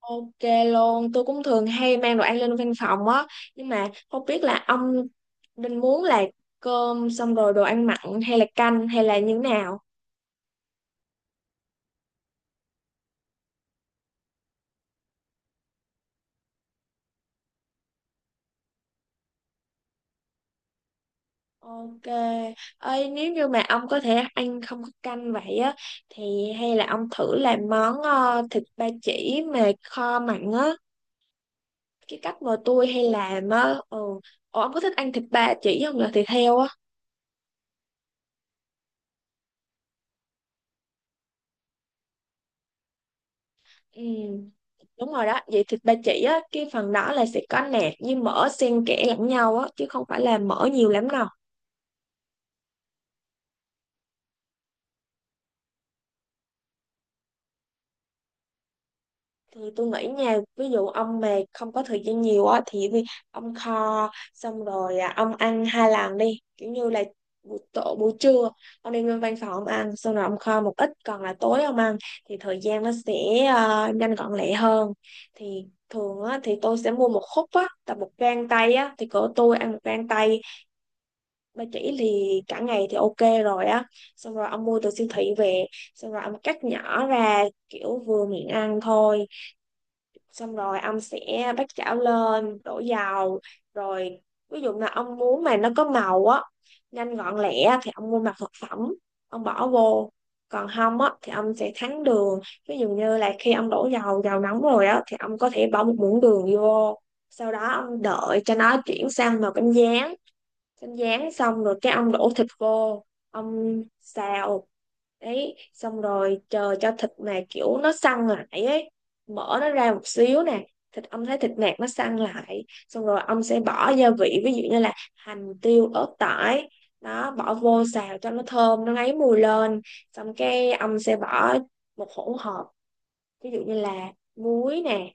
Ok luôn, tôi cũng thường hay mang đồ ăn lên văn phòng á, nhưng mà không biết là ông định muốn là cơm xong rồi đồ ăn mặn hay là canh hay là như thế nào? Ok, ơi nếu như mà ông có thể ăn không có canh vậy á, thì hay là ông thử làm món thịt ba chỉ mà kho mặn á, cái cách mà tôi hay làm á, ừ. Ủa, ông có thích ăn thịt ba chỉ không, là thịt heo á? Ừ, đúng rồi đó. Vậy thịt ba chỉ á, cái phần đó là sẽ có nạc với mỡ xen kẽ lẫn nhau á, chứ không phải là mỡ nhiều lắm đâu. Thì tôi nghĩ nha, ví dụ ông mà không có thời gian nhiều á, thì ông kho xong rồi ông ăn hai lần đi. Kiểu như là buổi trưa ông đi lên văn phòng ông ăn xong rồi ông kho một ít còn là tối ông ăn, thì thời gian nó sẽ nhanh gọn lẹ hơn. Thì thường á, thì tôi sẽ mua một khúc á tầm một gang tay á, thì cỡ tôi ăn một gang tay ba chỉ thì cả ngày thì ok rồi á. Xong rồi ông mua từ siêu thị về, xong rồi ông cắt nhỏ ra kiểu vừa miệng ăn thôi, xong rồi ông sẽ bắt chảo lên đổ dầu. Rồi ví dụ là ông muốn mà nó có màu á, nhanh gọn lẹ thì ông mua mặt thực phẩm ông bỏ vô, còn không á thì ông sẽ thắng đường. Ví dụ như là khi ông đổ dầu, dầu nóng rồi á thì ông có thể bỏ một muỗng đường vô, sau đó ông đợi cho nó chuyển sang màu cánh gián. Xanh rán xong rồi cái ông đổ thịt vô, ông xào. Đấy xong rồi chờ cho thịt mà kiểu nó săn lại ấy, mở nó ra một xíu nè, thịt ông thấy thịt nạc nó săn lại, xong rồi ông sẽ bỏ gia vị ví dụ như là hành, tiêu, ớt, tỏi đó bỏ vô xào cho nó thơm, nó ngấy mùi lên. Xong cái ông sẽ bỏ một hỗn hợp, ví dụ như là muối nè,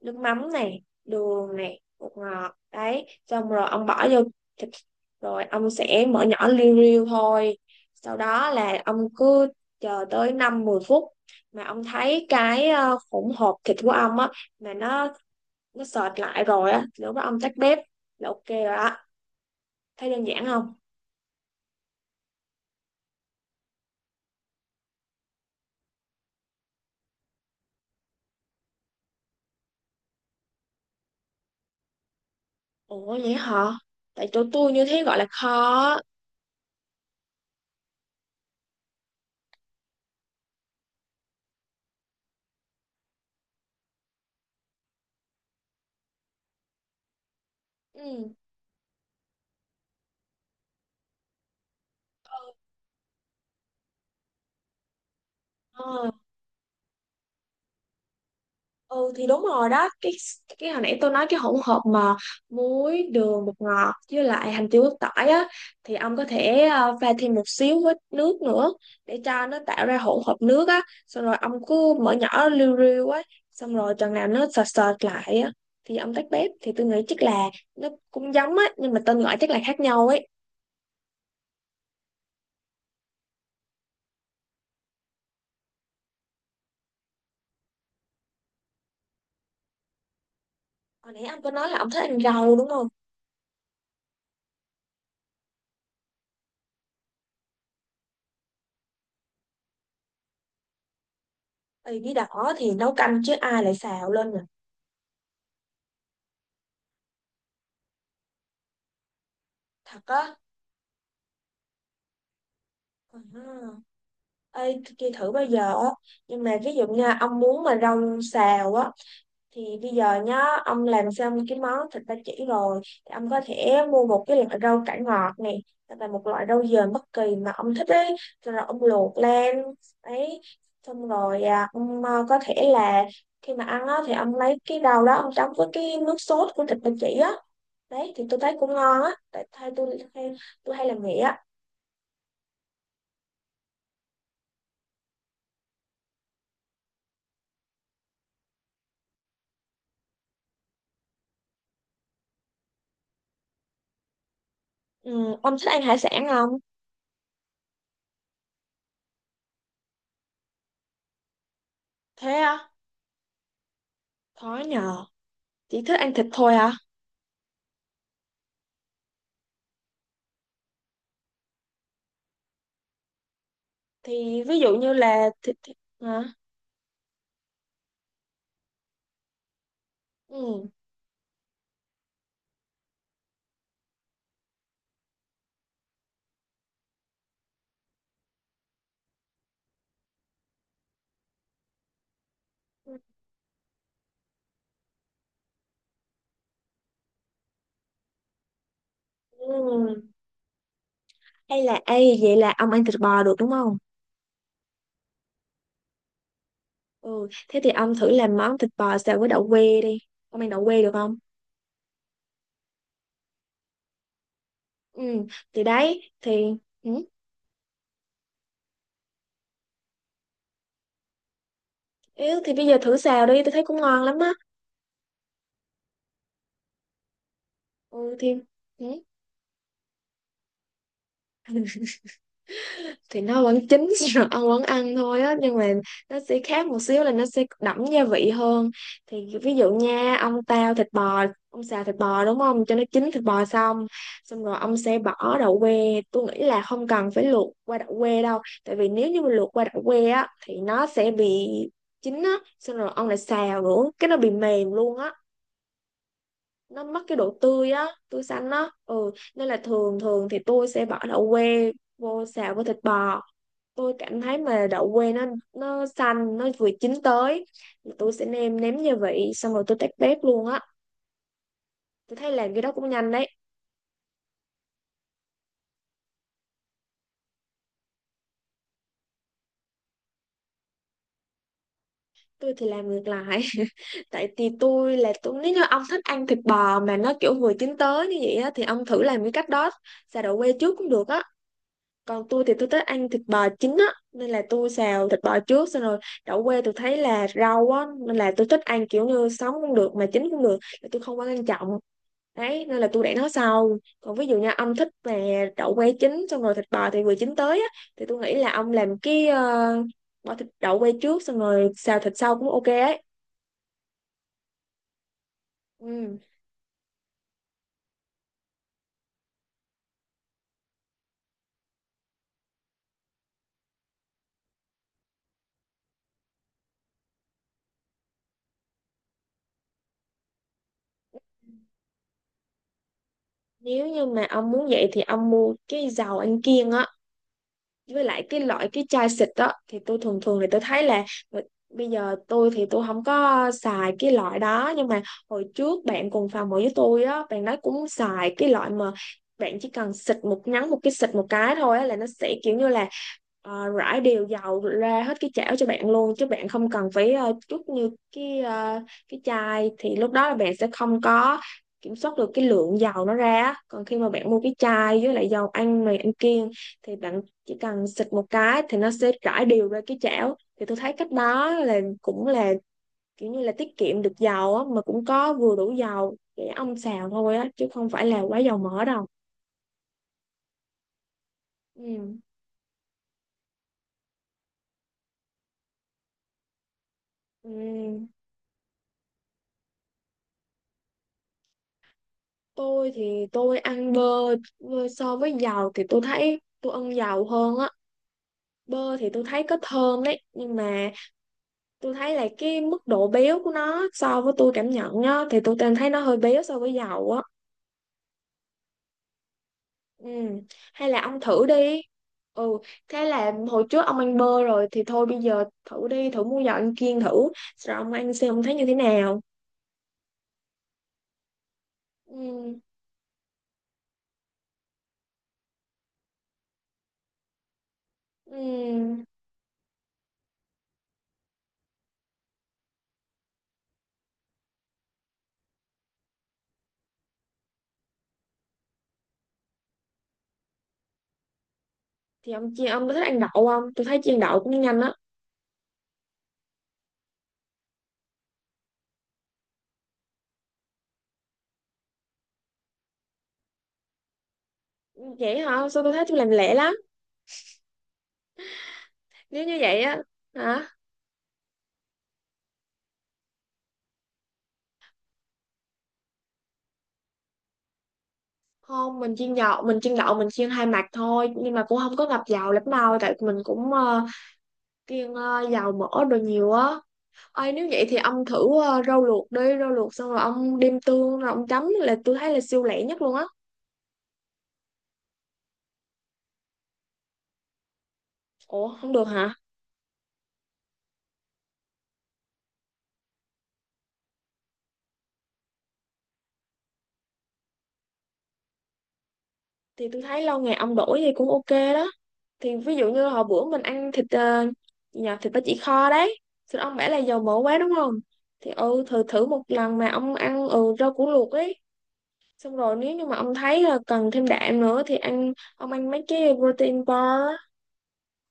nước mắm này, đường này, bột ngọt, đấy xong rồi ông bỏ vô thịt, rồi ông sẽ mở nhỏ liu riu thôi. Sau đó là ông cứ chờ tới 5-10 phút, mà ông thấy cái hỗn hợp thịt của ông á mà nó sệt lại rồi á, lúc đó ông tắt bếp là ok rồi đó. Thấy đơn giản không? Ủa vậy hả, tại chỗ tôi như thế gọi là khó. Ừ. Ờ, Ừ thì đúng rồi đó, cái hồi nãy tôi nói cái hỗn hợp mà muối, đường, bột ngọt với lại hành, tiêu, ớt, tỏi á, thì ông có thể pha thêm một xíu với nước nữa để cho nó tạo ra hỗn hợp nước á, xong rồi ông cứ mở nhỏ riu riu á, xong rồi chừng nào nó sệt sệt lại á thì ông tắt bếp. Thì tôi nghĩ chắc là nó cũng giống á, nhưng mà tên gọi chắc là khác nhau ấy. Hồi nãy ông có nói là ông thích ăn rau đúng không? Ừ, bí đỏ thì nấu canh chứ ai lại xào lên nhỉ? Thật á? Ừ. Ê, tôi kia thử bao giờ á, nhưng mà ví dụ như ông muốn mà rau xào á, thì bây giờ nhá, ông làm xong cái món thịt ba chỉ rồi thì ông có thể mua một cái loại rau cải ngọt này, hoặc là một loại rau dền bất kỳ mà ông thích ấy, rồi ông luộc lên ấy. Xong rồi ông có thể là khi mà ăn á thì ông lấy cái rau đó ông chấm với cái nước sốt của thịt ba chỉ á. Đấy thì tôi thấy cũng ngon á, tại thay tôi hay làm vậy á. Ừ, ông thích ăn hải sản không? Thế á? Khó nhờ. Chị thích ăn thịt thôi hả? Thì ví dụ như là thịt hả? Ừ. Ừ. Hay là ấy, vậy là ông ăn thịt bò được đúng không? Ừ, thế thì ông thử làm món thịt bò xào với đậu que đi. Ông ăn đậu que được không? Ừ, thì đấy, thì ừ. Yếu thì bây giờ thử xào đi, tôi thấy cũng ngon lắm á. Ừ thì ừ. Thì nó vẫn chín, rồi ăn vẫn ăn thôi á, nhưng mà nó sẽ khác một xíu là nó sẽ đậm gia vị hơn. Thì ví dụ nha, ông tao thịt bò, ông xào thịt bò đúng không, cho nó chín thịt bò xong, xong rồi ông sẽ bỏ đậu que. Tôi nghĩ là không cần phải luộc qua đậu que đâu, tại vì nếu như mà luộc qua đậu que á thì nó sẽ bị chín á, xong rồi ông lại xào nữa cái nó bị mềm luôn á, nó mất cái độ tươi á, tươi xanh á. Ừ, nên là thường thường thì tôi sẽ bỏ đậu que vô xào với thịt bò, tôi cảm thấy mà đậu que nó xanh, nó vừa chín tới, thì tôi sẽ nêm nếm gia vị xong rồi tôi tắt bếp luôn á. Tôi thấy làm cái đó cũng nhanh đấy. Tôi thì làm ngược lại, tại vì tôi, nếu như ông thích ăn thịt bò mà nó kiểu vừa chín tới như vậy á thì ông thử làm cái cách đó, xào đậu que trước cũng được á. Còn tôi thì tôi thích ăn thịt bò chín á, nên là tôi xào thịt bò trước, xong rồi đậu que tôi thấy là rau á, nên là tôi thích ăn kiểu như sống cũng được mà chín cũng được, là tôi không quá quan trọng. Đấy nên là tôi để nó sau. Còn ví dụ như ông thích về đậu que chín xong rồi thịt bò thì vừa chín tới á, thì tôi nghĩ là ông làm cái bỏ thịt đậu que trước xong rồi xào thịt sau cũng ok ấy. Ừ. Nếu như mà ông muốn vậy thì ông mua cái dầu ăn kiêng á, với lại cái loại cái chai xịt đó. Thì tôi thường thường thì tôi thấy là ờ, bây giờ tôi thì tôi không có xài cái loại đó, nhưng mà hồi trước bạn cùng phòng ở với tôi á, bạn đó cũng xài cái loại mà bạn chỉ cần xịt một cái, xịt một cái thôi á, là nó sẽ kiểu như là rải đều dầu ra hết cái chảo cho bạn luôn, chứ bạn không cần phải chút như cái ờ, cái chai thì lúc đó là bạn sẽ không có kiểm soát được cái lượng dầu nó ra á. Còn khi mà bạn mua cái chai với lại dầu ăn này, ăn kiêng, thì bạn chỉ cần xịt một cái thì nó sẽ rải đều ra cái chảo. Thì tôi thấy cách đó là cũng là kiểu như là tiết kiệm được dầu á, mà cũng có vừa đủ dầu để ông xào thôi á, chứ không phải là quá dầu mỡ đâu. Ừ. Ừ, tôi thì tôi ăn bơ, bơ so với dầu thì tôi thấy tôi ăn dầu hơn á. Bơ thì tôi thấy có thơm đấy, nhưng mà tôi thấy là cái mức độ béo của nó so với tôi cảm nhận á, thì tôi cảm thấy nó hơi béo so với dầu á. Ừ. Hay là ông thử đi. Ừ, thế là hồi trước ông ăn bơ rồi thì thôi bây giờ thử đi, thử mua giò ăn kiêng thử. Rồi ông ăn xem ông thấy như thế nào. Ừ. Ừ. Thì ông chiên, ông có thích ăn đậu không? Tôi thấy chiên đậu cũng nhanh á. Ừ, vậy hả? Sao tôi thấy tôi làm lẹ lắm. Nếu như vậy á, hả? Không, mình chiên dầu, mình chiên đậu, mình chiên hai mặt thôi, nhưng mà cũng không có ngập dầu lắm đâu, tại mình cũng kiêng dầu mỡ đồ nhiều á. Ơi nếu vậy thì ông thử rau luộc đi, rau luộc xong rồi ông đem tương rồi ông chấm, là tôi thấy là siêu lẹ nhất luôn á. Ủa, không được hả? Thì tôi thấy lâu ngày ông đổi gì cũng ok đó. Thì ví dụ như hồi bữa mình ăn thịt gì nhờ, thịt ba chỉ kho đấy. Thì ông bảo là dầu mỡ quá đúng không? Thì ừ, thử thử một lần mà ông ăn rau củ luộc ấy. Xong rồi nếu như mà ông thấy là cần thêm đạm nữa thì ông ăn mấy cái protein bar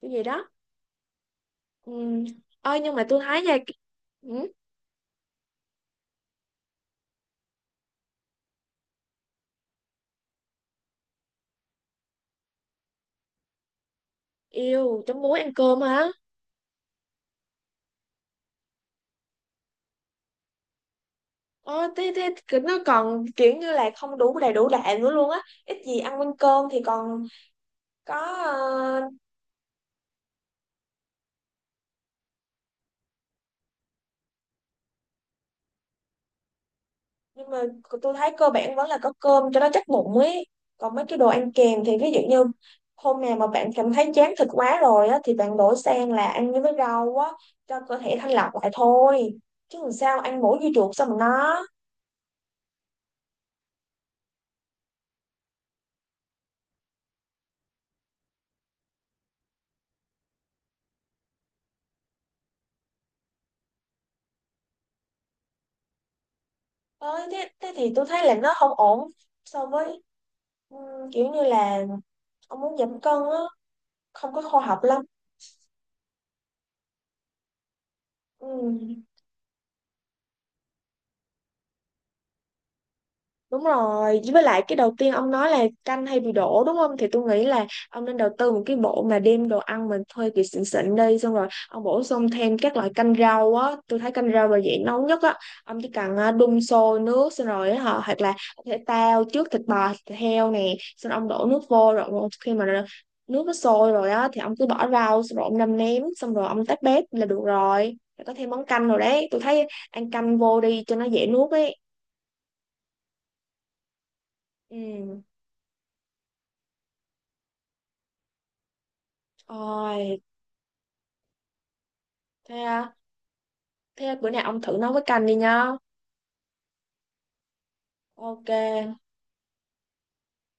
cái gì đó. Ừ. Ơi nhưng mà tôi thấy nha, ừ, yêu chấm muối ăn cơm hả? Ờ, thế cứ nó còn kiểu như là không đủ, đầy đủ đạm nữa luôn á, ít gì ăn quanh cơm thì còn có ờ, nhưng mà tôi thấy cơ bản vẫn là có cơm cho nó chắc bụng ấy, còn mấy cái đồ ăn kèm thì ví dụ như hôm nào mà bạn cảm thấy chán thịt quá rồi á thì bạn đổi sang là ăn với rau á, cho cơ thể thanh lọc lại thôi. Chứ làm sao ăn mỗi dưa chuột, sao mà nó. Ơi, thế thì tôi thấy là nó không ổn so với ừ, kiểu như là ông muốn giảm cân á, không có khoa học lắm. Ừ. Đúng rồi, với lại cái đầu tiên ông nói là canh hay bị đổ đúng không? Thì tôi nghĩ là ông nên đầu tư một cái bộ mà đem đồ ăn mình thuê kiểu xịn xịn đi, xong rồi ông bổ sung thêm các loại canh rau á, tôi thấy canh rau là dễ nấu nhất á. Ông chỉ cần đun sôi nước xong rồi á, hoặc là có thể tao trước thịt bò, thịt heo nè, xong ông đổ nước vô rồi khi mà nước nó sôi rồi á thì ông cứ bỏ rau xong rồi ông nêm nếm xong rồi ông tắt bếp là được rồi. Rồi có thêm món canh rồi đấy, tôi thấy ăn canh vô đi cho nó dễ nuốt ấy. Ừ. Ôi, thế à? Thế bữa nào ông thử nấu với canh đi nha. Ok.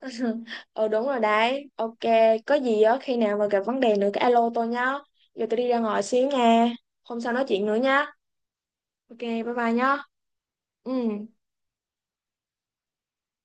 Ờ đúng rồi đấy. Ok, có gì á khi nào mà gặp vấn đề nữa cái alo tôi nhá. Giờ tôi đi ra ngoài xíu nha. Hôm sau nói chuyện nữa nhá. Ok, bye bye nhá. Ừ.